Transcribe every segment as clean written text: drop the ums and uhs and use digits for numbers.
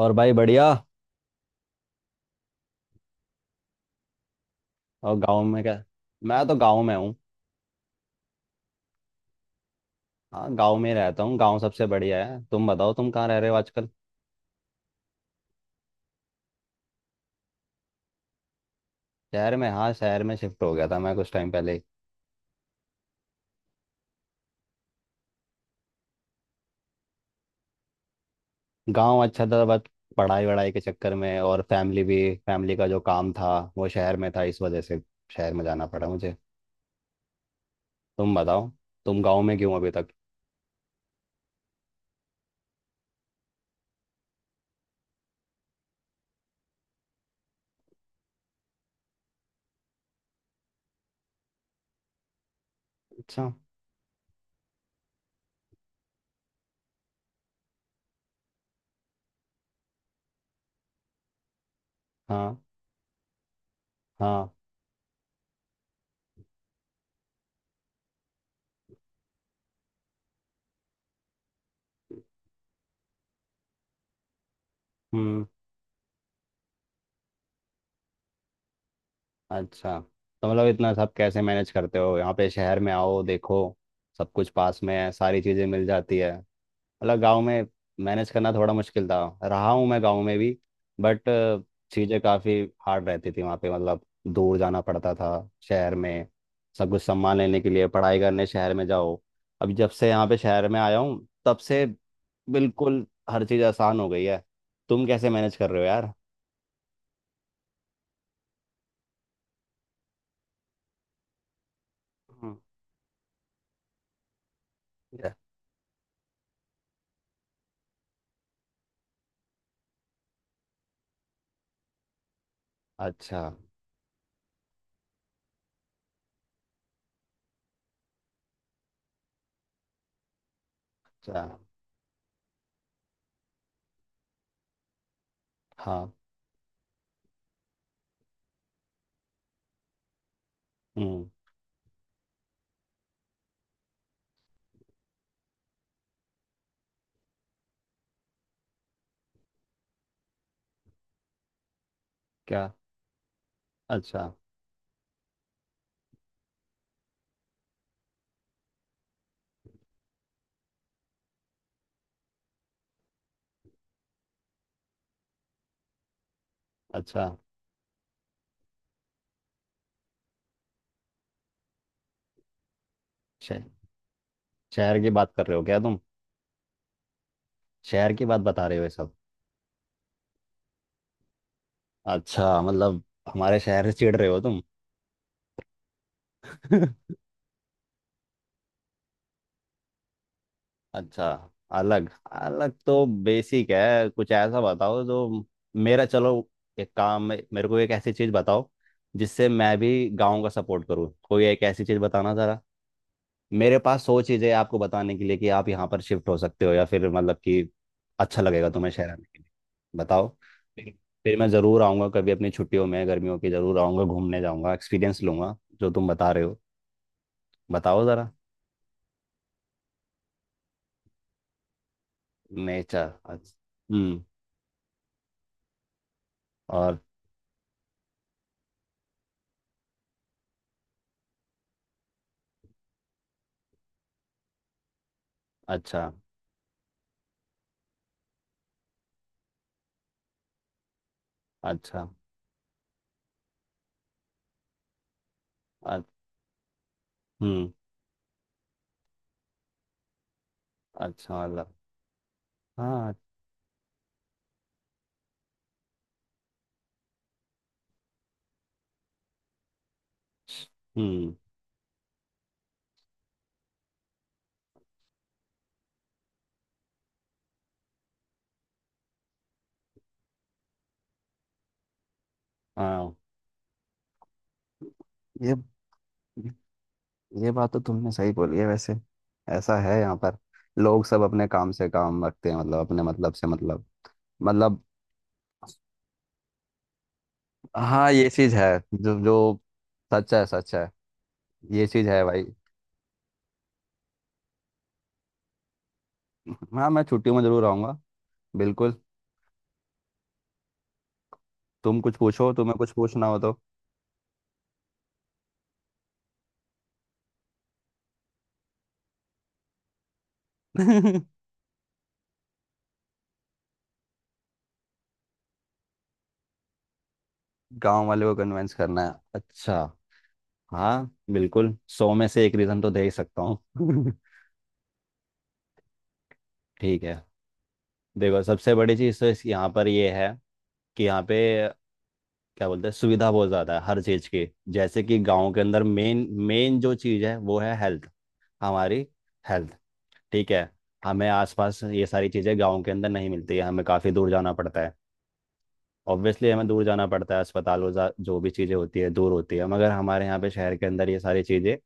और भाई बढ़िया। और गांव में क्या? मैं तो गांव में हूँ। हाँ, गांव में ही रहता हूँ। गांव सबसे बढ़िया है। तुम बताओ, तुम कहाँ रह रहे हो आजकल? शहर में, हाँ, शहर में शिफ्ट हो गया था मैं कुछ टाइम पहले। गांव अच्छा था बस। पढ़ाई वढ़ाई के चक्कर में और फैमिली भी। फैमिली का जो काम था वो शहर में था, इस वजह से शहर में जाना पड़ा मुझे। तुम बताओ, तुम गांव में क्यों अभी तक? अच्छा। हाँ। हाँ। हम्म। अच्छा, तो मतलब इतना सब कैसे मैनेज करते हो? यहाँ पे शहर में आओ देखो, सब कुछ पास में है, सारी चीज़ें मिल जाती है। मतलब गांव में मैनेज करना थोड़ा मुश्किल था। रहा हूँ मैं गांव में भी, बट चीज़ें काफ़ी हार्ड रहती थी वहाँ पे। मतलब दूर जाना पड़ता था शहर में, सब कुछ सम्मान लेने के लिए, पढ़ाई करने शहर में जाओ। अब जब से यहाँ पे शहर में आया हूँ तब से बिल्कुल हर चीज़ आसान हो गई है। तुम कैसे मैनेज कर रहे हो यार? हम्म, yeah। अच्छा। अच्छा। हाँ। हम्म। क्या? अच्छा। अच्छा। शह- शहर की बात कर रहे हो क्या तुम? शहर की बात बता रहे हो ये सब? अच्छा, मतलब हमारे शहर से चिढ़ रहे हो तुम? अच्छा। अलग अलग तो बेसिक है, कुछ ऐसा बताओ जो। मेरा चलो, एक काम है, मेरे को एक ऐसी चीज बताओ जिससे मैं भी गांव का सपोर्ट करूँ। कोई एक ऐसी चीज बताना जरा। मेरे पास 100 चीजें हैं आपको बताने के लिए कि आप यहाँ पर शिफ्ट हो सकते हो, या फिर मतलब कि अच्छा लगेगा तुम्हें शहर आने के लिए। बताओ। फिर फिर मैं ज़रूर आऊँगा कभी अपनी छुट्टियों में, गर्मियों की ज़रूर आऊँगा, घूमने जाऊँगा, एक्सपीरियंस लूंगा जो तुम बता रहे हो। बताओ ज़रा। नेचर, अच्छा। हम्म। और? अच्छा। अच्छा। अ- हम्म। अच्छा, मतलब। हाँ। हम्म। हाँ। ये ये बात तो तुमने सही बोली है वैसे। ऐसा है यहाँ पर, लोग सब अपने काम से काम रखते हैं, मतलब अपने मतलब से मतलब। मतलब। हाँ, ये चीज है जो जो सच है, सच है। ये चीज है भाई। हाँ, मैं छुट्टियों में जरूर आऊंगा, बिल्कुल। तुम कुछ पूछो, तुम्हें कुछ पूछना हो तो। गांव वाले को कन्विंस करना है, अच्छा। हाँ बिल्कुल, 100 में से 1 रीज़न तो दे ही सकता हूँ। ठीक है, देखो सबसे बड़ी चीज़ तो इस यहाँ पर ये है कि यहाँ पे क्या बोलते हैं, सुविधा बहुत ज़्यादा है हर चीज़ की। जैसे कि गांव के अंदर मेन, मेन जो चीज़ है वो है हेल्थ, हमारी हेल्थ। ठीक है। हमें आसपास ये सारी चीज़ें गांव के अंदर नहीं मिलती है, हमें काफ़ी दूर जाना पड़ता है। ऑब्वियसली हमें दूर जाना पड़ता है, अस्पताल जो भी चीज़ें होती है दूर होती है, मगर हमारे यहाँ पे शहर के अंदर ये सारी चीज़ें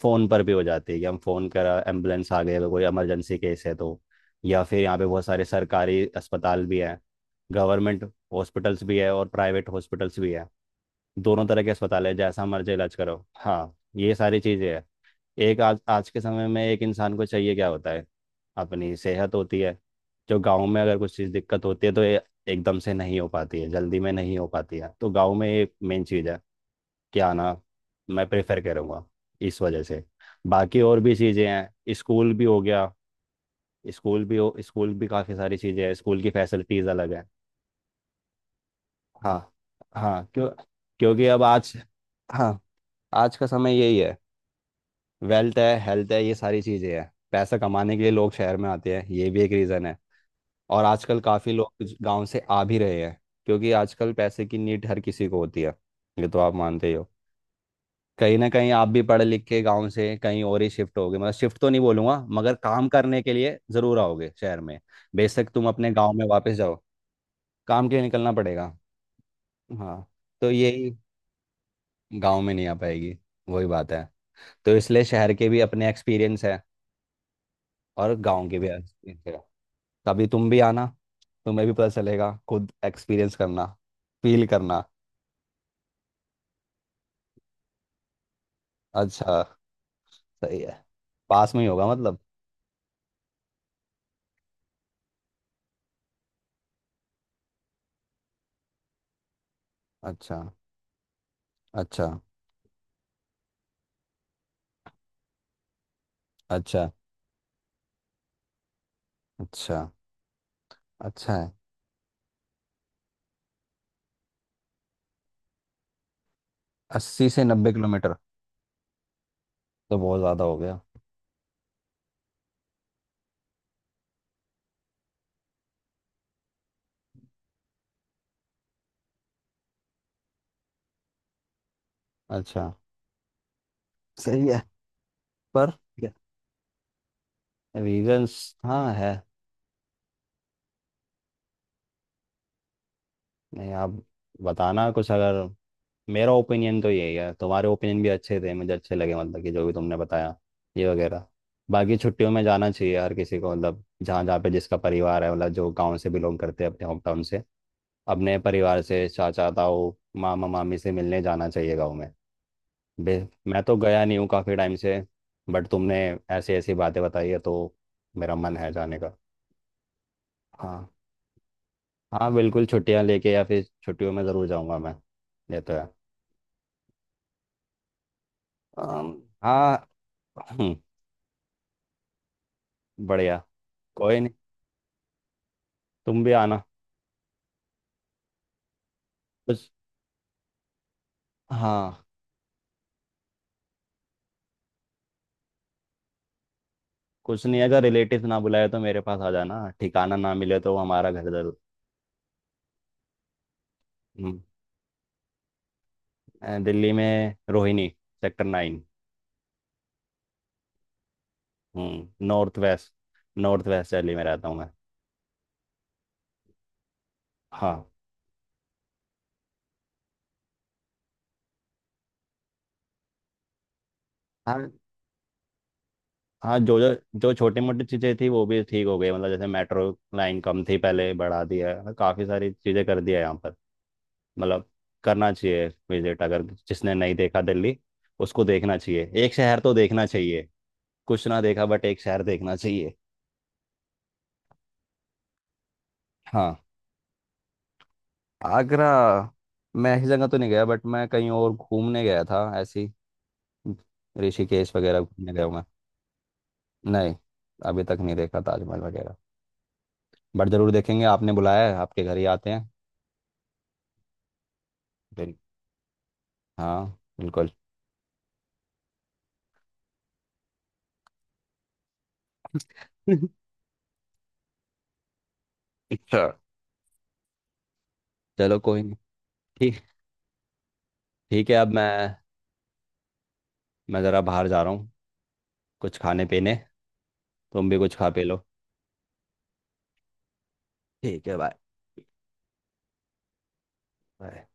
फोन पर भी हो जाती है, कि हम फोन करा एम्बुलेंस आ गई, अगर कोई इमरजेंसी केस है तो। या फिर यहाँ पे बहुत सारे सरकारी अस्पताल भी हैं। गवर्नमेंट हॉस्पिटल्स भी है और प्राइवेट हॉस्पिटल्स भी है। दोनों तरह के अस्पताल है, जैसा मर्जी इलाज करो। हाँ, ये सारी चीज़ें हैं। एक आज, आज के समय में एक इंसान को चाहिए क्या होता है, अपनी सेहत होती है। जो गांव में अगर कुछ चीज़ दिक्कत होती है तो ये एकदम से नहीं हो पाती है, जल्दी में नहीं हो पाती है, तो गांव में ये मेन चीज़ है क्या ना। मैं प्रेफर करूँगा इस वजह से। बाकी और भी चीज़ें हैं, स्कूल भी हो गया। स्कूल भी काफ़ी सारी चीज़ें हैं, स्कूल की फैसिलिटीज़ अलग हैं। हाँ। हाँ, क्यों, क्योंकि अब आज। हाँ, आज का समय यही है। वेल्थ है, हेल्थ है, ये सारी चीज़ें हैं, पैसा कमाने के लिए लोग शहर में आते हैं, ये भी एक रीज़न है। और आजकल काफ़ी लोग गांव से आ भी रहे हैं, क्योंकि आजकल पैसे की नीड हर किसी को होती है। ये तो आप मानते ही हो। कहीं ना कहीं आप भी पढ़ लिख के गांव से कहीं और ही शिफ्ट होगे, मतलब शिफ्ट तो नहीं बोलूंगा, मगर काम करने के लिए जरूर आओगे शहर में। बेशक तुम अपने गांव में वापस जाओ। काम के लिए निकलना पड़ेगा। हाँ। तो यही। गांव में नहीं आ पाएगी, वही बात है। तो इसलिए शहर के भी अपने एक्सपीरियंस है और गांव के भी एक्सपीरियंस है। कभी तुम भी आना, तुम्हें भी पता चलेगा, खुद एक्सपीरियंस करना, फील करना। अच्छा। सही है। पास में ही होगा मतलब। अच्छा। अच्छा। अच्छा। अच्छा। अच्छा है। 80 से 90 किलोमीटर? तो बहुत ज़्यादा हो गया। अच्छा। सही है। पर। क्या? रीजंस, हाँ है। नहीं आप, बताना कुछ अगर। मेरा ओपिनियन तो यही है, तुम्हारे ओपिनियन भी अच्छे थे, मुझे अच्छे लगे मतलब कि जो भी तुमने बताया ये वगैरह। बाकी छुट्टियों में जाना चाहिए हर किसी को, मतलब जहाँ जहाँ पे जिसका परिवार है, मतलब जो गांव से बिलोंग करते हैं अपने होम टाउन से, अपने परिवार से, चाचा ताऊ, मामा मामी से मिलने जाना चाहिए गाँव में। बे- मैं तो गया नहीं हूँ काफ़ी टाइम से, बट तुमने ऐसी ऐसी बातें बताई है तो मेरा मन है जाने का। हाँ, हाँ बिल्कुल, छुट्टियाँ लेके या फिर छुट्टियों में ज़रूर जाऊँगा मैं। ये तो है। हाँ। हम्म। बढ़िया। कोई नहीं, तुम भी आना। कुछ। हाँ, कुछ नहीं, अगर रिलेटिव ना बुलाए तो मेरे पास आ जाना, ठिकाना ना मिले तो हमारा घर जरूर। हम्म, दिल्ली में रोहिणी, सेक्टर 9। हम्म, north west. North west Delhi में रहता हूँ मैं। हाँ। हाँ। हाँ, जो जो, जो छोटी मोटी चीज़ें थी वो भी ठीक हो गई, मतलब जैसे मेट्रो लाइन कम थी पहले, बढ़ा दिया है, मतलब काफ़ी सारी चीज़ें कर दिया है यहाँ पर। मतलब करना चाहिए विजिट अगर। जिसने नहीं देखा दिल्ली, उसको देखना चाहिए, एक शहर तो देखना चाहिए। कुछ ना देखा बट एक शहर देखना चाहिए। हाँ, आगरा। मैं ऐसी जगह तो नहीं गया, बट मैं कहीं और घूमने गया था, ऐसी ऋषिकेश वगैरह घूमने गया हूँ मैं। नहीं, अभी तक नहीं देखा ताजमहल वगैरह, बट ज़रूर देखेंगे, आपने बुलाया है आपके घर ही आते हैं। हाँ बिल्कुल। अच्छा, चलो कोई नहीं। ठीक। ठीक है अब मैं ज़रा बाहर जा रहा हूँ, कुछ खाने पीने। तुम भी कुछ खा पी लो। ठीक है, बाय। बाय।